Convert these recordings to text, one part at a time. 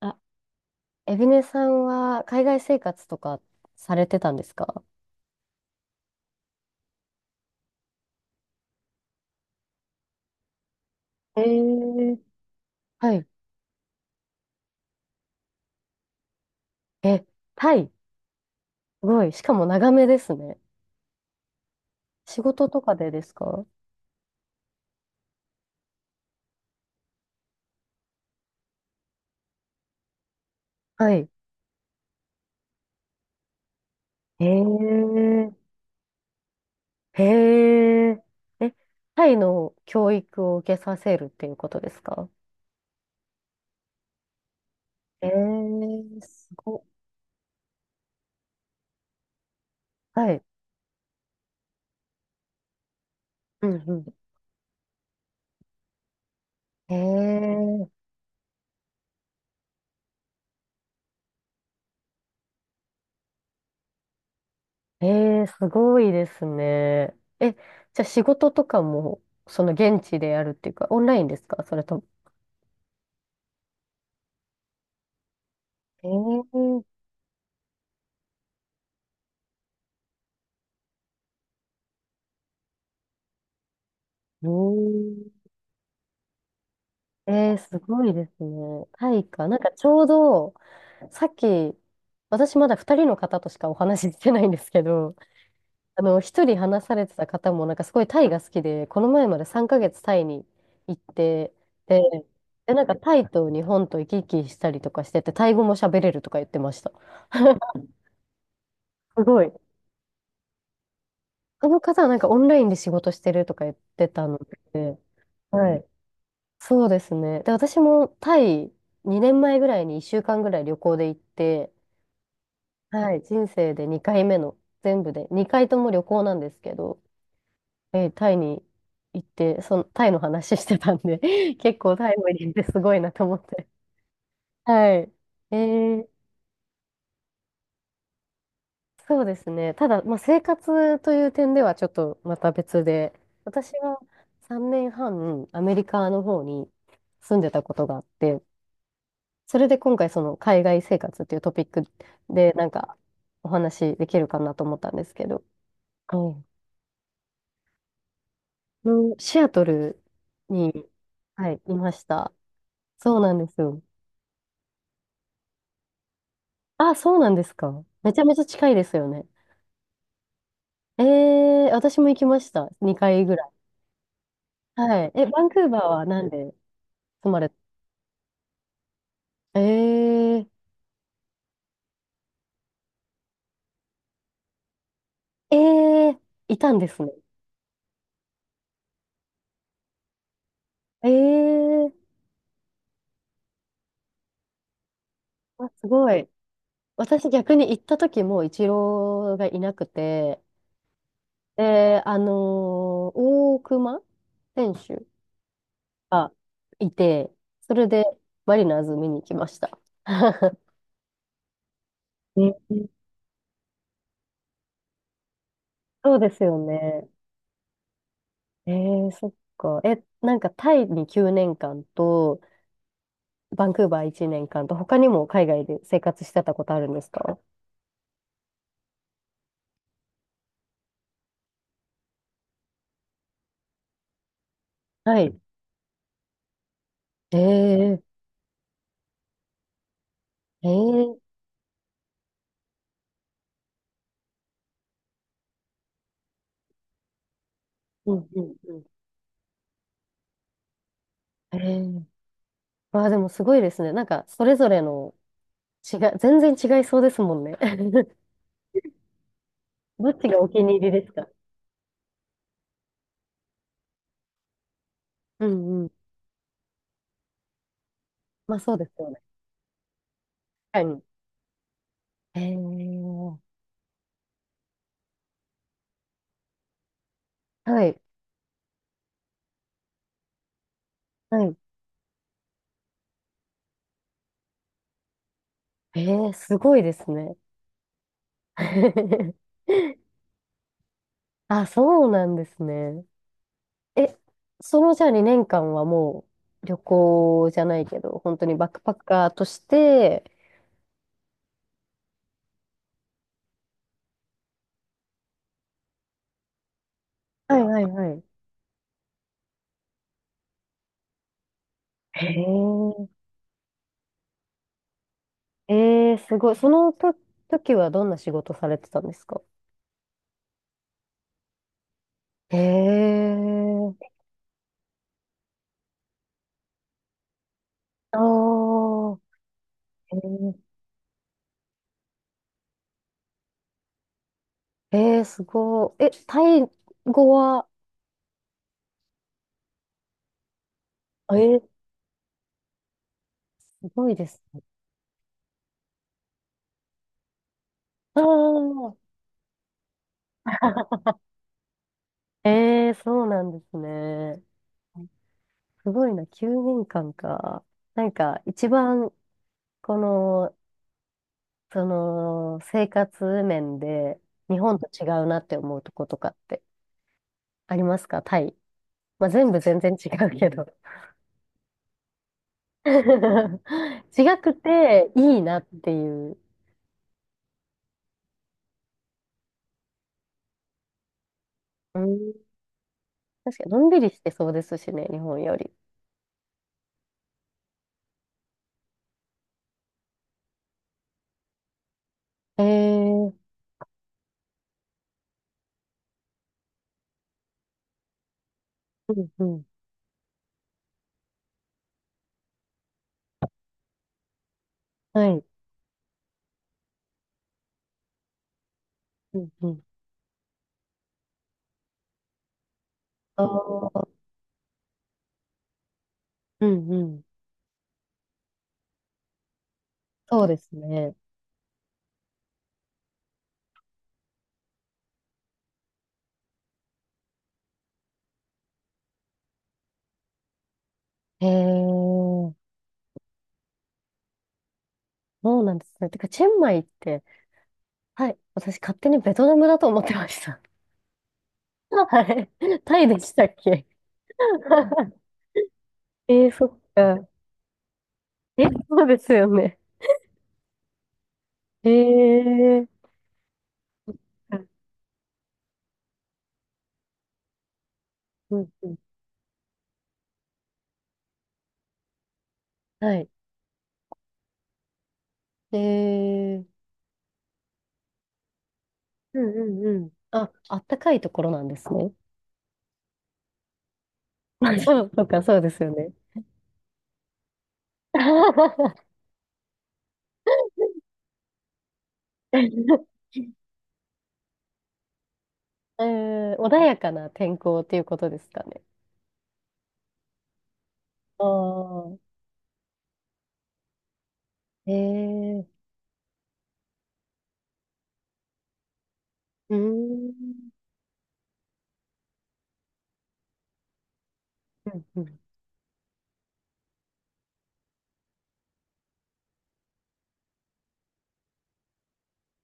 あ、エビネさんは海外生活とかされてたんですか？はい。え、タイ、すごい。しかも長めですね。仕事とかでですか？はい。へえ、へえ。え、タイの教育を受けさせるっていうことですか？えー、すごい。はい。うんうん。えー、えー、すごいですね。え、じゃあ仕事とかも、その現地でやるっていうか、オンラインですか、それとも。えー、うん、えー、すごいですね。タイか。なんかちょうど、さっき、私まだ2人の方としかお話ししてないんですけど、あの、1人話されてた方も、なんかすごいタイが好きで、この前まで3ヶ月タイに行って、で、で、なんかタイと日本と行き来したりとかしてて、タイ語も喋れるとか言ってました。すごい。あの方はなんかオンラインで仕事してるとか言ってたので、はい。そうですね。で、私もタイ2年前ぐらいに1週間ぐらい旅行で行って、はい、人生で2回目の、全部で、2回とも旅行なんですけど、えータイに行って、そのタイの話してたんで 結構タイも行ってすごいなと思って。はい。えー、そうですね。ただ、まあ、生活という点ではちょっとまた別で、私は3年半アメリカの方に住んでたことがあって、それで今回その海外生活っていうトピックでなんかお話できるかなと思ったんですけど、はい、のシアトルに、はい、いました。そうなんですよ。あ、そうなんですか。めちゃめちゃ近いですよね。えー、私も行きました。2回ぐらい。はい。え、バンクーバーはなんで住まれた？えー、えー、いたんですね。えー、あ、すごい。私逆に行った時もイチローがいなくて、で、あのー大熊選手がいて、それでマリナーズ見に行きました。ね、そうですよね。えー、そっか。え、なんかタイに9年間と、バンクーバー1年間と、他にも海外で生活してたことあるんですか？はい。えー、えー、うんうんうん。えー、わあ、でもすごいですね。なんか、それぞれの違い、全然違いそうですもんね。どっちがお気に入りですか？うん、まあそうですよね。確かに。へえ。はい。はい。ええ、すごいですね。あ、そうなんですね。え、そのじゃあ2年間はもう旅行じゃないけど、本当にバックパッカーとして、はいはいはい。へえ、えー、すごい。その時はどんな仕事されてたんですか？へえ、あー、へえ、えー、すごい。え、タイ語は、えー、すごいです。ああ、ええ、そうなんですね。すごいな、9年間かんか。なんか、一番、この、その、生活面で、日本と違うなって思うとことかってありますか、タイ。まあ、全部全然違うけど。違くていいなっていう。うん、確かに、のんびりしてそうですしね、日本より。ええ、うんうん。はい。うんうん。ああ、うんうん。そうですね。へえ、そうなんですね。てか、チェンマイって、はい、私勝手にベトナムだと思ってました。はい。タイでしたっけ？ えー、そっか。え、そうですよね。えー、うんうん。はい。えー、うんうんうん。あ、あったかいところなんですね。あそう、そうか、そうですよね。えー、穏やかな天候っていうことですかね。ああ、えー、うーん。うんうん、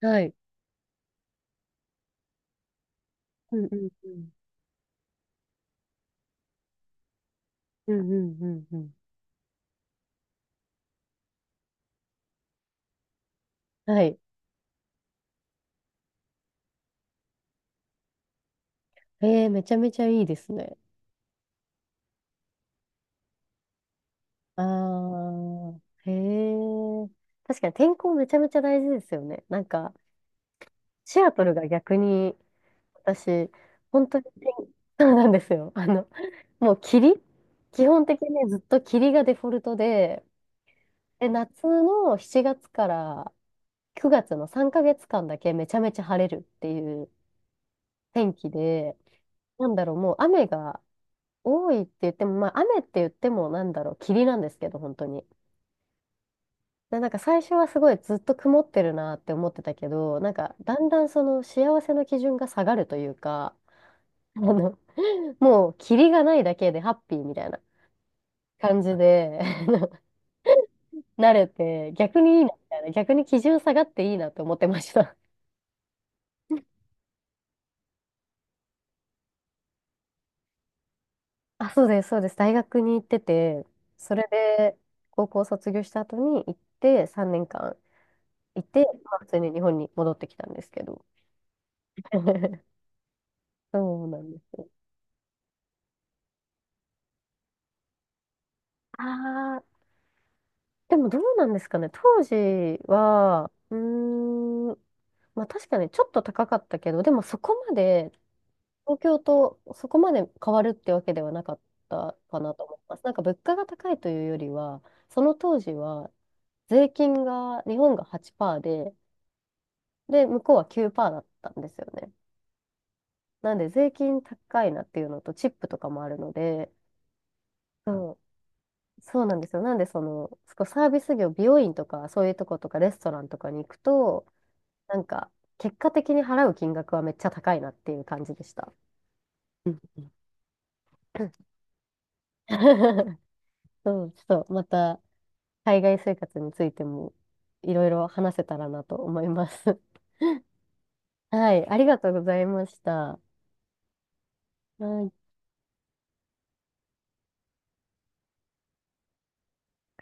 はい。うんうんうん。うんうんうんうん。はい。ええ、めちゃめちゃいいですね。ああ、へえ。確かに天候めちゃめちゃ大事ですよね。なんか、シアトルが逆に、私、本当に天、そうなんですよ。あの、もう霧基本的にね、ずっと霧がデフォルトで、で、夏の7月から9月の3ヶ月間だけめちゃめちゃ晴れるっていう天気で、なんだろう、もう雨が、多いって言っても、まあ、雨って言っても、なんだろう、霧なんですけど、本当に。で、なんか最初はすごいずっと曇ってるなって思ってたけど、なんかだんだんその幸せの基準が下がるというか、あの、もう霧がないだけでハッピーみたいな感じで、慣れて、逆にいいなみたいな、逆に基準下がっていいなと思ってました。あ、そうです、そうです。大学に行ってて、それで高校卒業した後に行って3年間いて、まあ普通に日本に戻ってきたんですけど。そうなんですよ。ああ、でもどうなんですかね。当時は、うーん、まあ確かにちょっと高かったけど、でもそこまで、東京とそこまで変わるってわけではなかったかなと思います。なんか物価が高いというよりは、その当時は税金が、日本が8%で、で、向こうは9%だったんですよね。なんで税金高いなっていうのと、チップとかもあるので、そうそうなんですよ。なんで、その、そこサービス業、美容院とか、そういうとことか、レストランとかに行くと、なんか、結果的に払う金額はめっちゃ高いなっていう感じでした。うん。 そう、ちょっと、また、海外生活についても、いろいろ話せたらなと思います。はい、ありがとうございました。はい